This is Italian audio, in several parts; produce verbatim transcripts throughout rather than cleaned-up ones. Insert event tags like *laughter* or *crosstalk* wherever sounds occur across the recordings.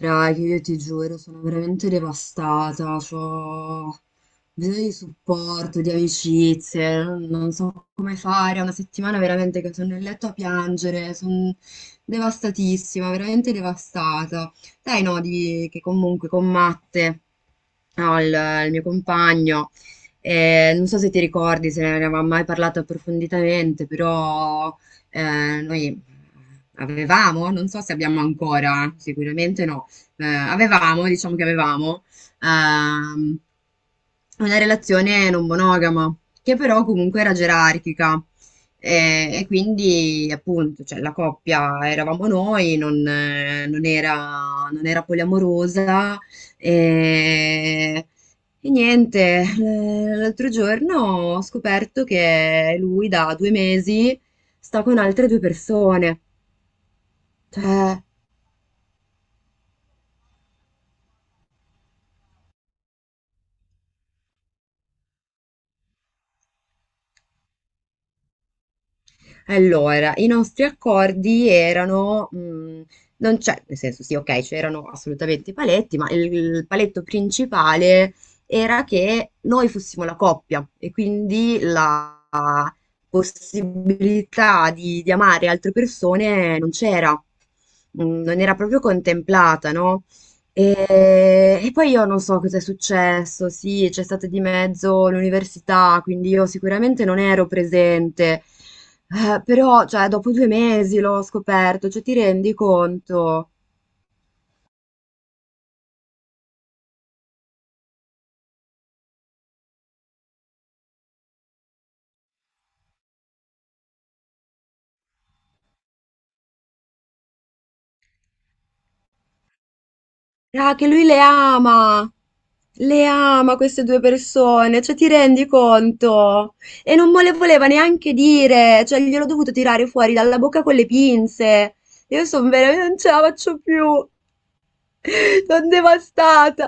Raga, io ti giuro, sono veramente devastata, ho bisogno di supporto, di amicizie, non, non so come fare, è una settimana veramente che sono nel letto a piangere, sono devastatissima, veramente devastata. Dai, no, di, che comunque con Matte, no, il, il mio compagno, eh, non so se ti ricordi, se ne avevamo mai parlato approfonditamente, però eh, noi avevamo, non so se abbiamo ancora, sicuramente no eh, avevamo, diciamo che avevamo, ehm, una relazione non monogama, che però comunque era gerarchica. Eh, E, quindi, appunto, cioè, la coppia eravamo noi, non, eh, non era, non era poliamorosa. E, e niente, eh, l'altro giorno ho scoperto che lui da due mesi sta con altre due persone. Cioè, allora, i nostri accordi erano, mhmm, non c'è nel senso sì, okay, c'erano assolutamente i paletti, ma il il paletto principale era che noi fossimo la coppia e quindi la possibilità di di amare altre persone non c'era. Mhmm, non era proprio contemplata, no, e, e poi io non so cosa è successo, sì, c'è stata di mezzo l'università, quindi io sicuramente non ero presente. Eh, però cioè, dopo due mesi l'ho scoperto, cioè ti rendi conto? Ah, che lui le ama, le ama queste due persone, cioè ti rendi conto? E non me le voleva neanche dire, cioè gliel'ho dovuto tirare fuori dalla bocca con le pinze, io sono veramente, non ce la faccio più. Son devastata!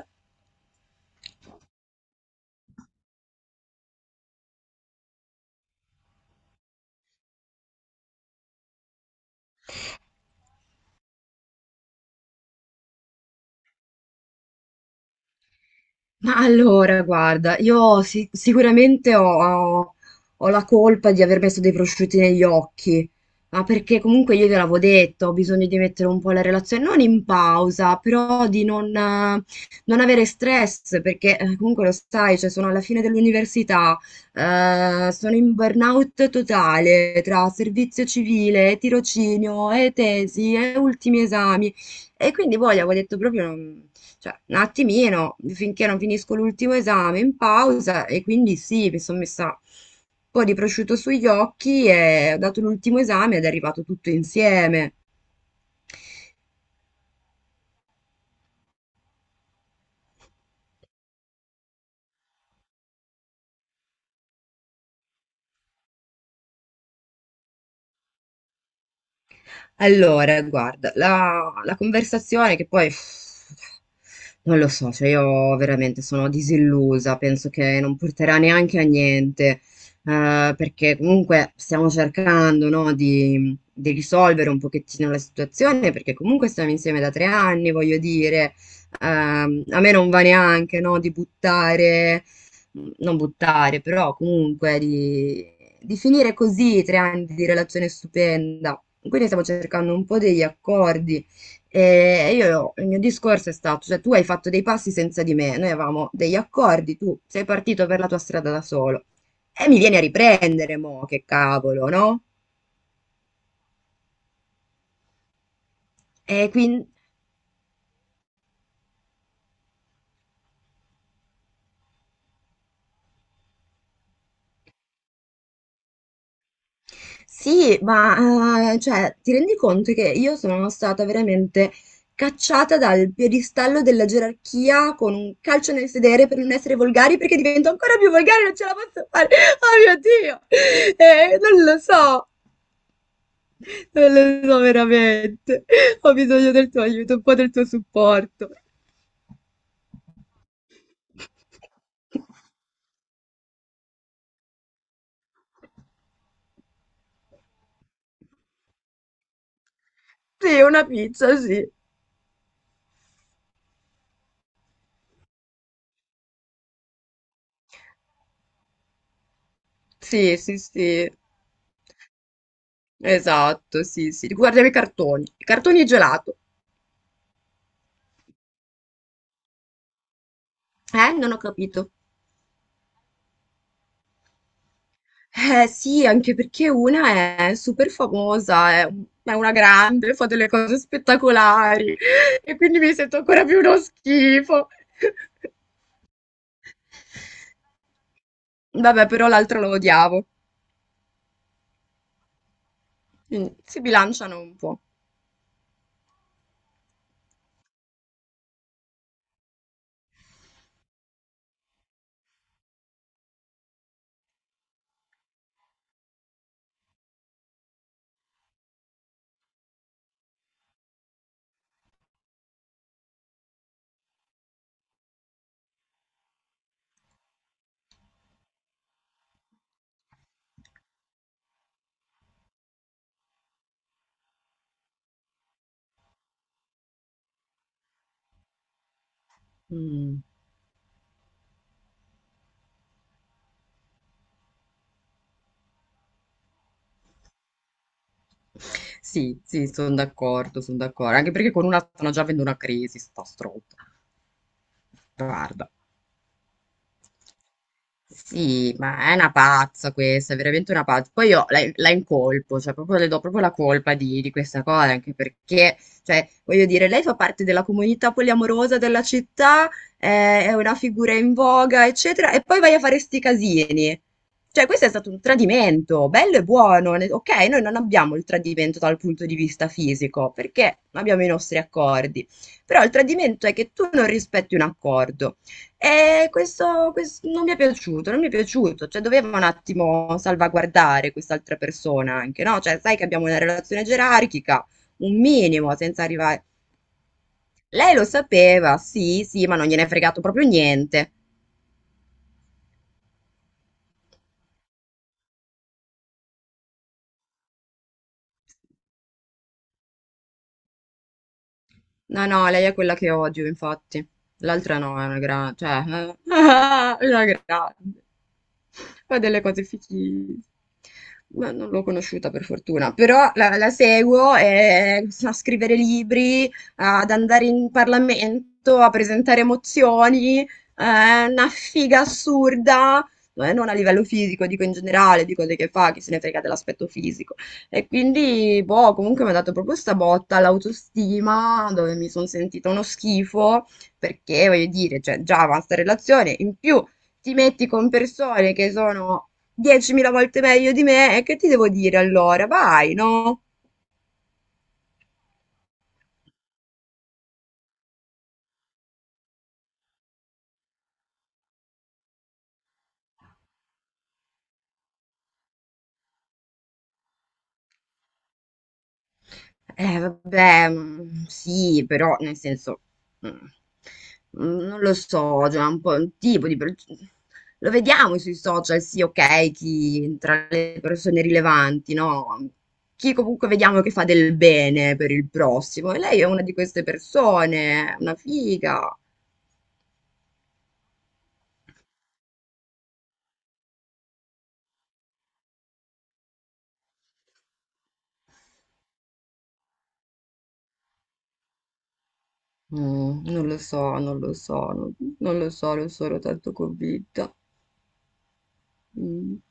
Ma allora, guarda, io si- sicuramente ho, ho- ho la colpa di aver messo dei prosciutti negli occhi, ma perché comunque io te l'avevo detto, ho bisogno di mettere un po' la relazione, non in pausa, però di non, eh, non avere stress, perché eh, comunque lo sai, cioè, sono alla fine dell'università, eh, sono in burnout totale tra servizio civile, tirocinio, e tesi, e ultimi esami, e quindi poi avevo detto proprio... non- cioè, un attimino, finché non finisco l'ultimo esame in pausa e quindi sì, mi sono messa un po' di prosciutto sugli occhi e ho dato l'ultimo esame ed è arrivato tutto insieme. Allora, guarda, la, la conversazione che poi... Non lo so, cioè io veramente sono disillusa, penso che non porterà neanche a niente, eh, perché comunque stiamo cercando, no, di, di risolvere un pochettino la situazione, perché comunque stiamo insieme da tre anni, voglio dire, ehm, a me non va neanche, no, di buttare, non buttare, però comunque di, di finire così tre anni di relazione stupenda. Quindi stiamo cercando un po' degli accordi. E io, il mio discorso è stato, cioè tu hai fatto dei passi senza di me, noi avevamo degli accordi, tu sei partito per la tua strada da solo. E mi vieni a riprendere, mo, che cavolo, no? E quindi, sì, ma, eh, cioè, ti rendi conto che io sono stata veramente cacciata dal piedistallo della gerarchia con un calcio nel sedere per non essere volgari, perché divento ancora più volgare, non ce la posso fare. Oh mio Dio! Eh, non lo so. Non lo so veramente. Ho bisogno del tuo aiuto, un po' del tuo supporto. Sì, una pizza, sì. Sì, sì, sì. Esatto, sì, sì. Guardiamo i cartoni. I cartoni e gelato. Eh, non ho capito. Eh, sì, anche perché una è super famosa, è, è una grande, fa delle cose spettacolari e quindi mi sento ancora più uno schifo. *laughs* Vabbè, però l'altra lo odiavo. Quindi si bilanciano un po'. Mm. Sì, sì, sono d'accordo, sono d'accordo. Anche perché con una stanno già avendo una crisi, sta stroppa. Guarda. Sì, ma è una pazza questa, è veramente una pazza. Poi io la, la incolpo, cioè proprio le do proprio la colpa di, di questa cosa, anche perché, cioè, voglio dire, lei fa parte della comunità poliamorosa della città, è, è una figura in voga, eccetera, e poi vai a fare sti casini. Cioè, questo è stato un tradimento, bello e buono. ne- Ok, noi non abbiamo il tradimento dal punto di vista fisico, perché abbiamo i nostri accordi. Però il tradimento è che tu non rispetti un accordo. E questo, ques- non mi è piaciuto, non mi è piaciuto, cioè doveva un attimo salvaguardare quest'altra persona anche, no? Cioè sai che abbiamo una relazione gerarchica, un minimo, senza arrivare... Lei lo sapeva, sì, sì, ma non gliene è fregato proprio niente. No, no, lei è quella che odio, infatti. L'altra no, è una grande, cioè, *laughs* è una grande. *laughs* Fa delle cose fichi. Ma non l'ho conosciuta per fortuna, però la, la seguo eh, a scrivere libri, ad andare in Parlamento, a presentare mozioni, eh, una figa assurda, eh, non a livello fisico, dico in generale, di cose che fa, chi se ne frega dell'aspetto fisico. E quindi, boh, comunque mi ha dato proprio sta botta all'autostima, dove mi sono sentita uno schifo, perché voglio dire, cioè, già avanza relazione, in più ti metti con persone che sono diecimila volte meglio di me e che ti devo dire allora? Vai, no? Eh, vabbè, mm, sì, però nel senso, mm, mm, non lo so, cioè è un po' un tipo di... per- Lo vediamo sui social, sì, ok, chi tra le persone rilevanti, no? Chi comunque vediamo che fa del bene per il prossimo. E lei è una di queste persone, una figa. Mm, non lo so, non lo so, non, non lo so, non sono tanto convinta. Mm,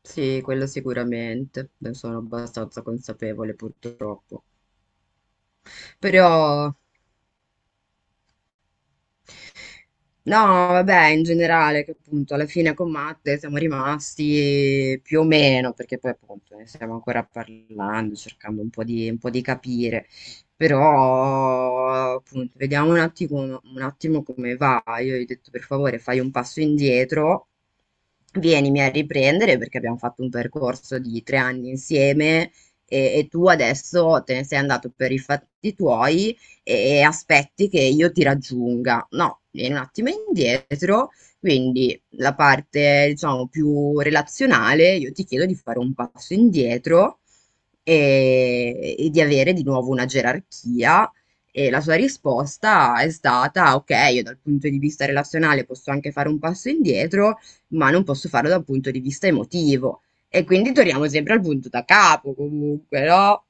sì, quello sicuramente, ne sono abbastanza consapevole purtroppo. Però no, vabbè, in generale, che appunto alla fine con Matte siamo rimasti più o meno, perché poi appunto ne stiamo ancora parlando, cercando un po' di, un po' di capire, però appunto vediamo un attimo, un attimo come va. Io gli ho detto per favore fai un passo indietro, vienimi a riprendere perché abbiamo fatto un percorso di tre anni insieme e, e tu adesso te ne sei andato per i fatti tuoi e aspetti che io ti raggiunga. No, vieni un attimo indietro, quindi la parte, diciamo, più relazionale, io ti chiedo di fare un passo indietro e, e di avere di nuovo una gerarchia. E la sua risposta è stata: ok, io dal punto di vista relazionale posso anche fare un passo indietro, ma non posso farlo dal punto di vista emotivo. E quindi torniamo sempre al punto da capo, comunque, no?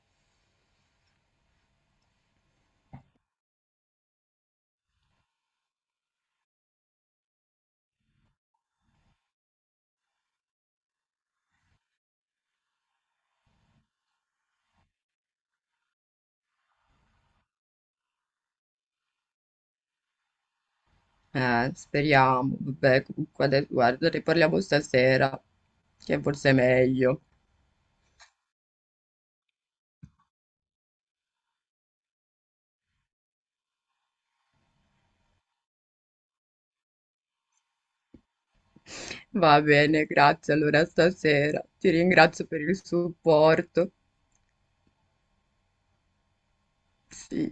Eh, speriamo, vabbè, comunque adesso, guarda, ne parliamo stasera, che forse è meglio. Va bene, grazie allora stasera. Ti ringrazio per il supporto. Sì.